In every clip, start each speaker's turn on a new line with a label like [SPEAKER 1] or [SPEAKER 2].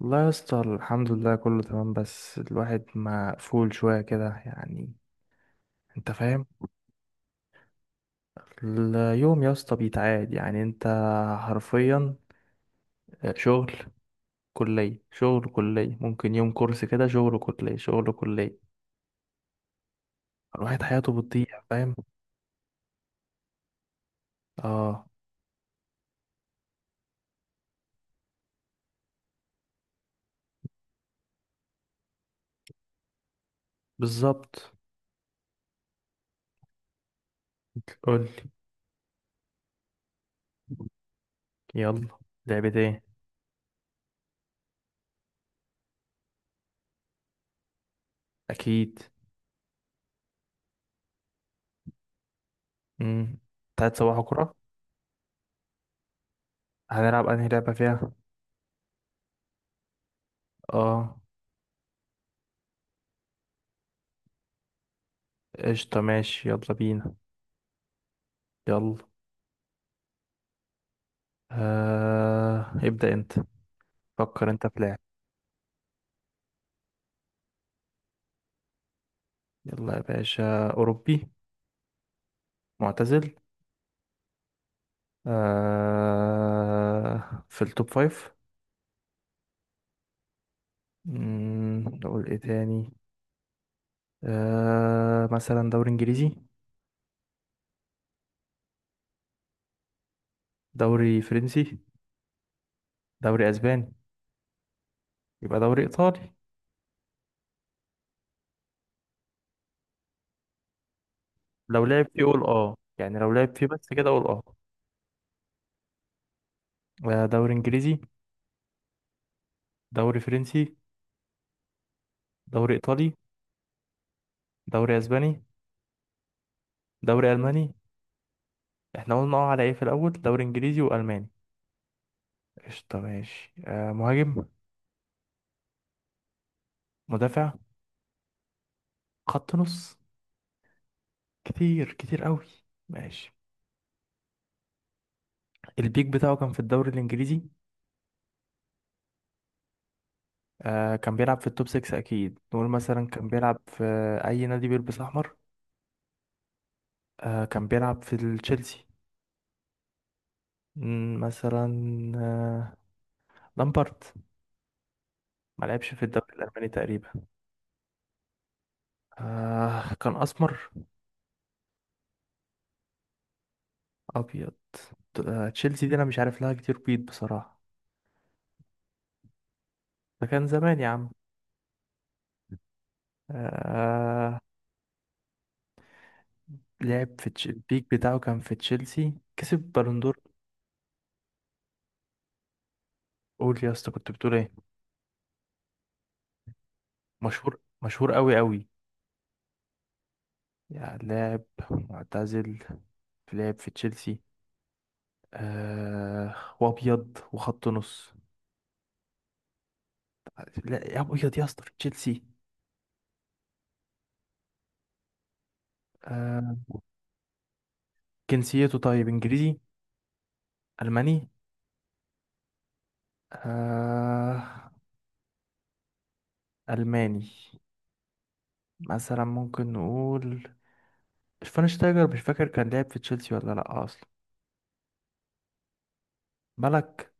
[SPEAKER 1] والله يا اسطى، الحمد لله كله تمام. بس الواحد مقفول شوية كده يعني. انت فاهم؟ اليوم يا اسطى بيتعاد يعني انت حرفيا. شغل كلية شغل كلية، ممكن يوم كورس كده شغل كلية شغل كلية. الواحد حياته بتضيع، فاهم؟ اه، بالظبط. قولي. يلا. لعبة ايه؟ اكيد. امم تعاد صباح كرة. هنلعب انهي لعبة فيها؟ اه قشطة ماشي يلا بينا. يلا. ابدأ انت. فكر انت في لاعب. يلا يا باشا. اوروبي. معتزل. آه في التوب فايف. نقول ايه تاني. آه مثلا دوري انجليزي؟ دوري فرنسي؟ دوري اسباني؟ يبقى دوري ايطالي. لو لعب فيه قول اه، يعني لو لعب فيه بس كده قول اه. آه، دوري انجليزي. دوري فرنسي؟ دوري ايطالي؟ دوري اسباني؟ دوري الماني؟ احنا قلنا اه على ايه في الاول؟ دوري انجليزي والماني. قشطة ماشي. آه مهاجم؟ مدافع؟ خط نص. كتير كتير قوي. ماشي. البيك بتاعه كان في الدوري الانجليزي. آه كان بيلعب في التوب 6 اكيد. نقول مثلا كان بيلعب في اي نادي بيلبس احمر؟ آه كان بيلعب في التشيلسي. مم، مثلا. آه لامبارد. ما لعبش في الدوري الالماني تقريبا. آه كان اسمر؟ ابيض. تشيلسي دي انا مش عارف لها كتير، بيض بصراحة. ده كان زمان يا عم. آه. لعب في البيك بتاعه كان في تشيلسي، كسب بالون دور. قول يا اسطى كنت بتقول ايه. مشهور مشهور قوي قوي. يعني لاعب معتزل في لعب في تشيلسي. آه. وابيض وخط نص. لا يا، ابيض يا اسطى في تشيلسي. آه. جنسيته طيب انجليزي؟ الماني؟ آه الماني. مثلا ممكن نقول شفاينشتايجر. مش فاكر كان لعب في تشيلسي ولا لا اصلا. بالك.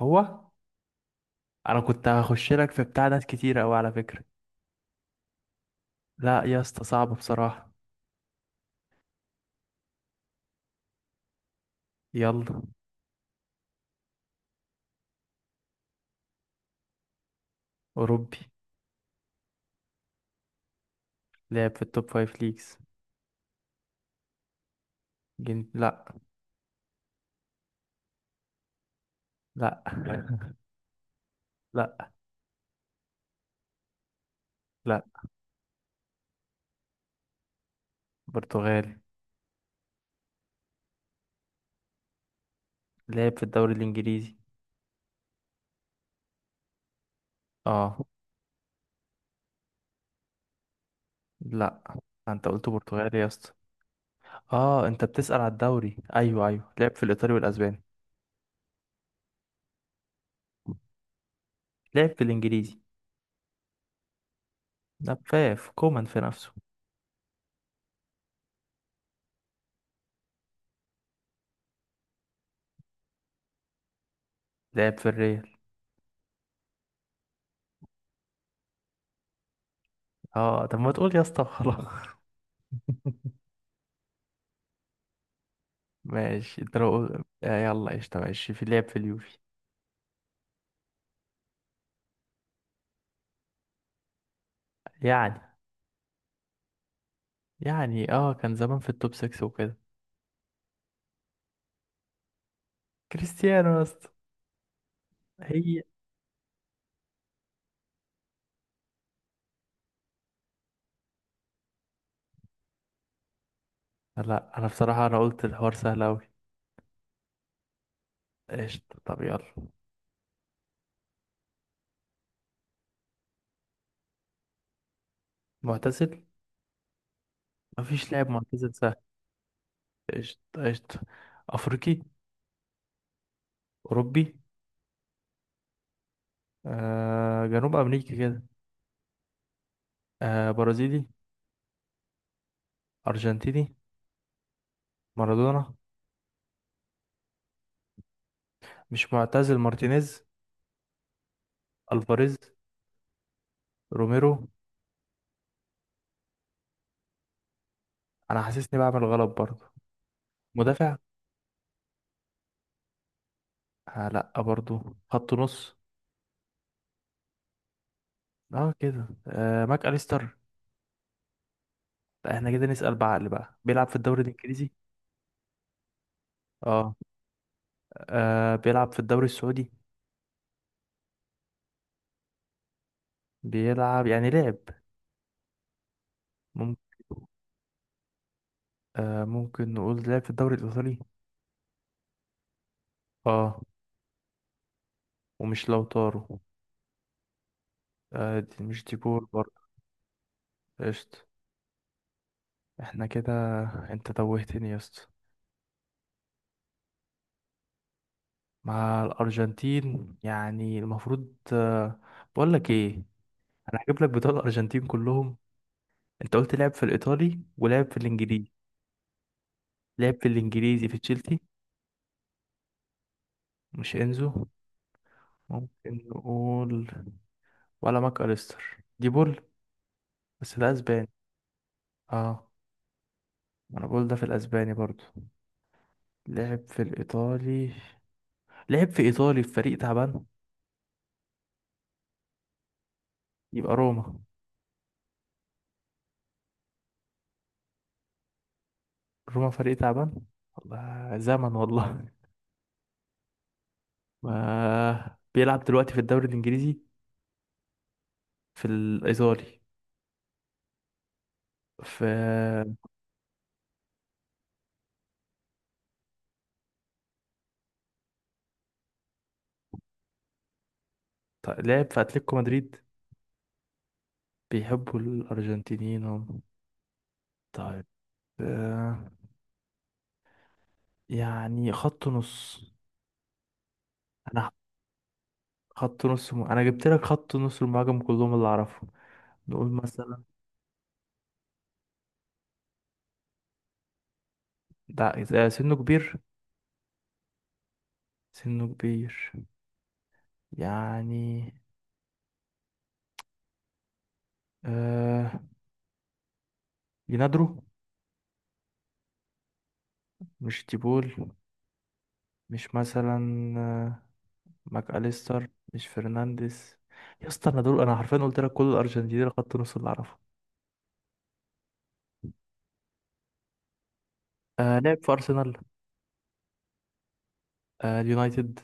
[SPEAKER 1] هو. انا كنت هخش لك في بتاع ناس كتير قوي على فكرة. لا يا اسطى صعب بصراحة. يلا. اوروبي. لعب في التوب فايف ليجز. لا. لا. لا. لا. لا. برتغالي. لعب في الدوري الإنجليزي. اه. لا. آه، انت قلت برتغالي يا اسطى. اه، انت بتسأل على الدوري؟ ايوه ايوه لعب في الإيطالي والأسباني. لعب في الإنجليزي. نفاف كومان في نفسه. لعب في الريال. اه طب ما تقول يا اسطى خلاص. ماشي. انت لو يلا قشطة ماشي في لعب في اليوفي. يعني يعني اه كان زمان في التوب 6 وكده. كريستيانو يا اسطى. هي. لا انا بصراحة انا قلت الحوار سهل اوي. قشطة طب يلا. معتزل. مفيش لاعب معتزل سهل. قشطة قشطة. افريقي. اوروبي. آه جنوب امريكي كده. آه برازيلي. ارجنتيني. مارادونا. مش معتزل مارتينيز. الفاريز. روميرو. انا حاسسني بعمل غلط برضه. مدافع. آه لا برضه. خط نص. اه كده آه ماك اليستر. لا، احنا كده نسأل بعقل بقى. بيلعب في الدوري الانجليزي. اه. آه بيلعب في الدوري السعودي. بيلعب، يعني لعب. ممكن. آه ممكن نقول لعب في الدوري الإيطالي. اه. ومش لو طارو. آه دي مش ديبول برضه. قشطة. احنا كده. انت توهتني يا اسطى. مع الأرجنتين يعني المفروض. آه بقول لك ايه. انا هجيب لك بطاقة الأرجنتين كلهم. انت قلت لعب في الإيطالي ولعب في الإنجليزي. لعب في الإنجليزي في تشيلسي. مش إنزو. ممكن نقول ولا ماكاليستر ديبول. بس ده أسباني. اه ما انا بقول ده في الاسباني برضو. لعب في الايطالي. لعب في ايطالي في فريق تعبان. يبقى روما. روما فريق تعبان. والله زمن والله. ما بيلعب دلوقتي في الدوري الانجليزي. في الايطالي. في. طيب لعب في اتلتيكو مدريد. بيحبوا الارجنتينيين هم. طيب. آه. يعني خط نص. انا. انا جبت لك خط نص المهاجم كلهم اللي اعرفهم. نقول مثلا. ده إذا سنه كبير. سنه كبير. يعني. آه لينادرو. مش تيبول. مش مثلا. آه ماك أليستر. مش فرنانديز. يا اسطى انا دول انا حرفيا قلت لك كل الارجنتين خط نص اللي اعرفه. آه لعب في ارسنال. آه اليونايتد.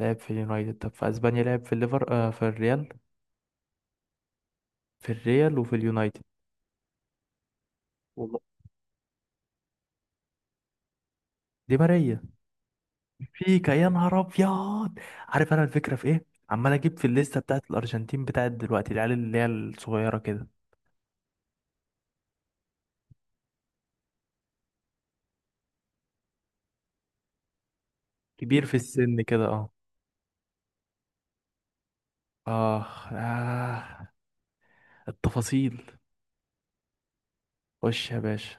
[SPEAKER 1] لعب في اليونايتد. طب في اسبانيا لعب في الليفر، آه في الريال. في الريال وفي اليونايتد. والله. دي ماريا. فيكا يا نهار ابيض. عارف انا الفكره في ايه. عمال اجيب في الليسته بتاعت الارجنتين بتاعت دلوقتي، العيال اللي هي الصغيره كده. كبير في السن كده اه. آه, آه. التفاصيل. خش يا باشا.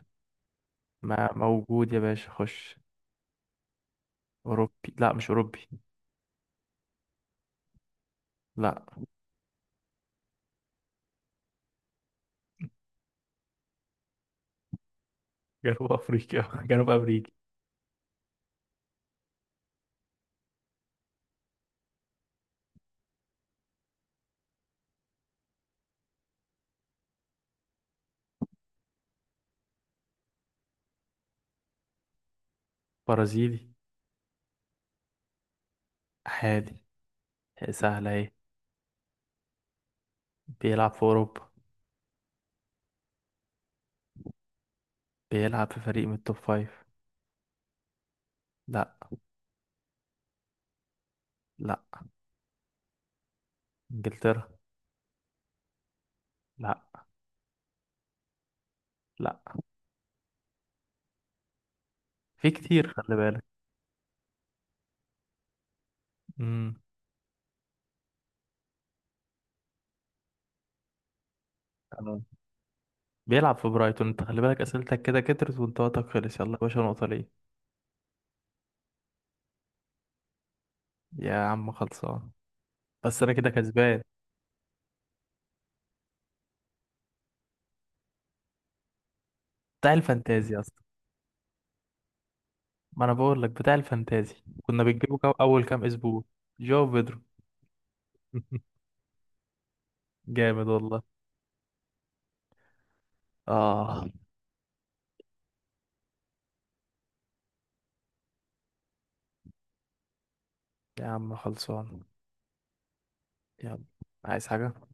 [SPEAKER 1] ما موجود يا باشا، خش. أوروبي. لا مش أوروبي. لا. جنوب أفريقيا. جنوب أمريكي. برازيلي. عادي. سهلة أهي. بيلعب في أوروبا. بيلعب في فريق من التوب فايف. لا. لا. إنجلترا. لا. لا. في كتير، خلي بالك. امم تمام. بيلعب في برايتون. انت خلي بالك أسئلتك كده كترت وانت وقتك خلص. يلا يا باشا، نقطة ليه. يا عم خلصان. بس أنا كده كسبان. بتاع الفانتازيا. ما انا بقول لك بتاع الفانتازي. كنا بنجيبه اول كام اسبوع. جاو بيدرو. جامد والله. اه. يا عم خلصان. يلا. عايز حاجة؟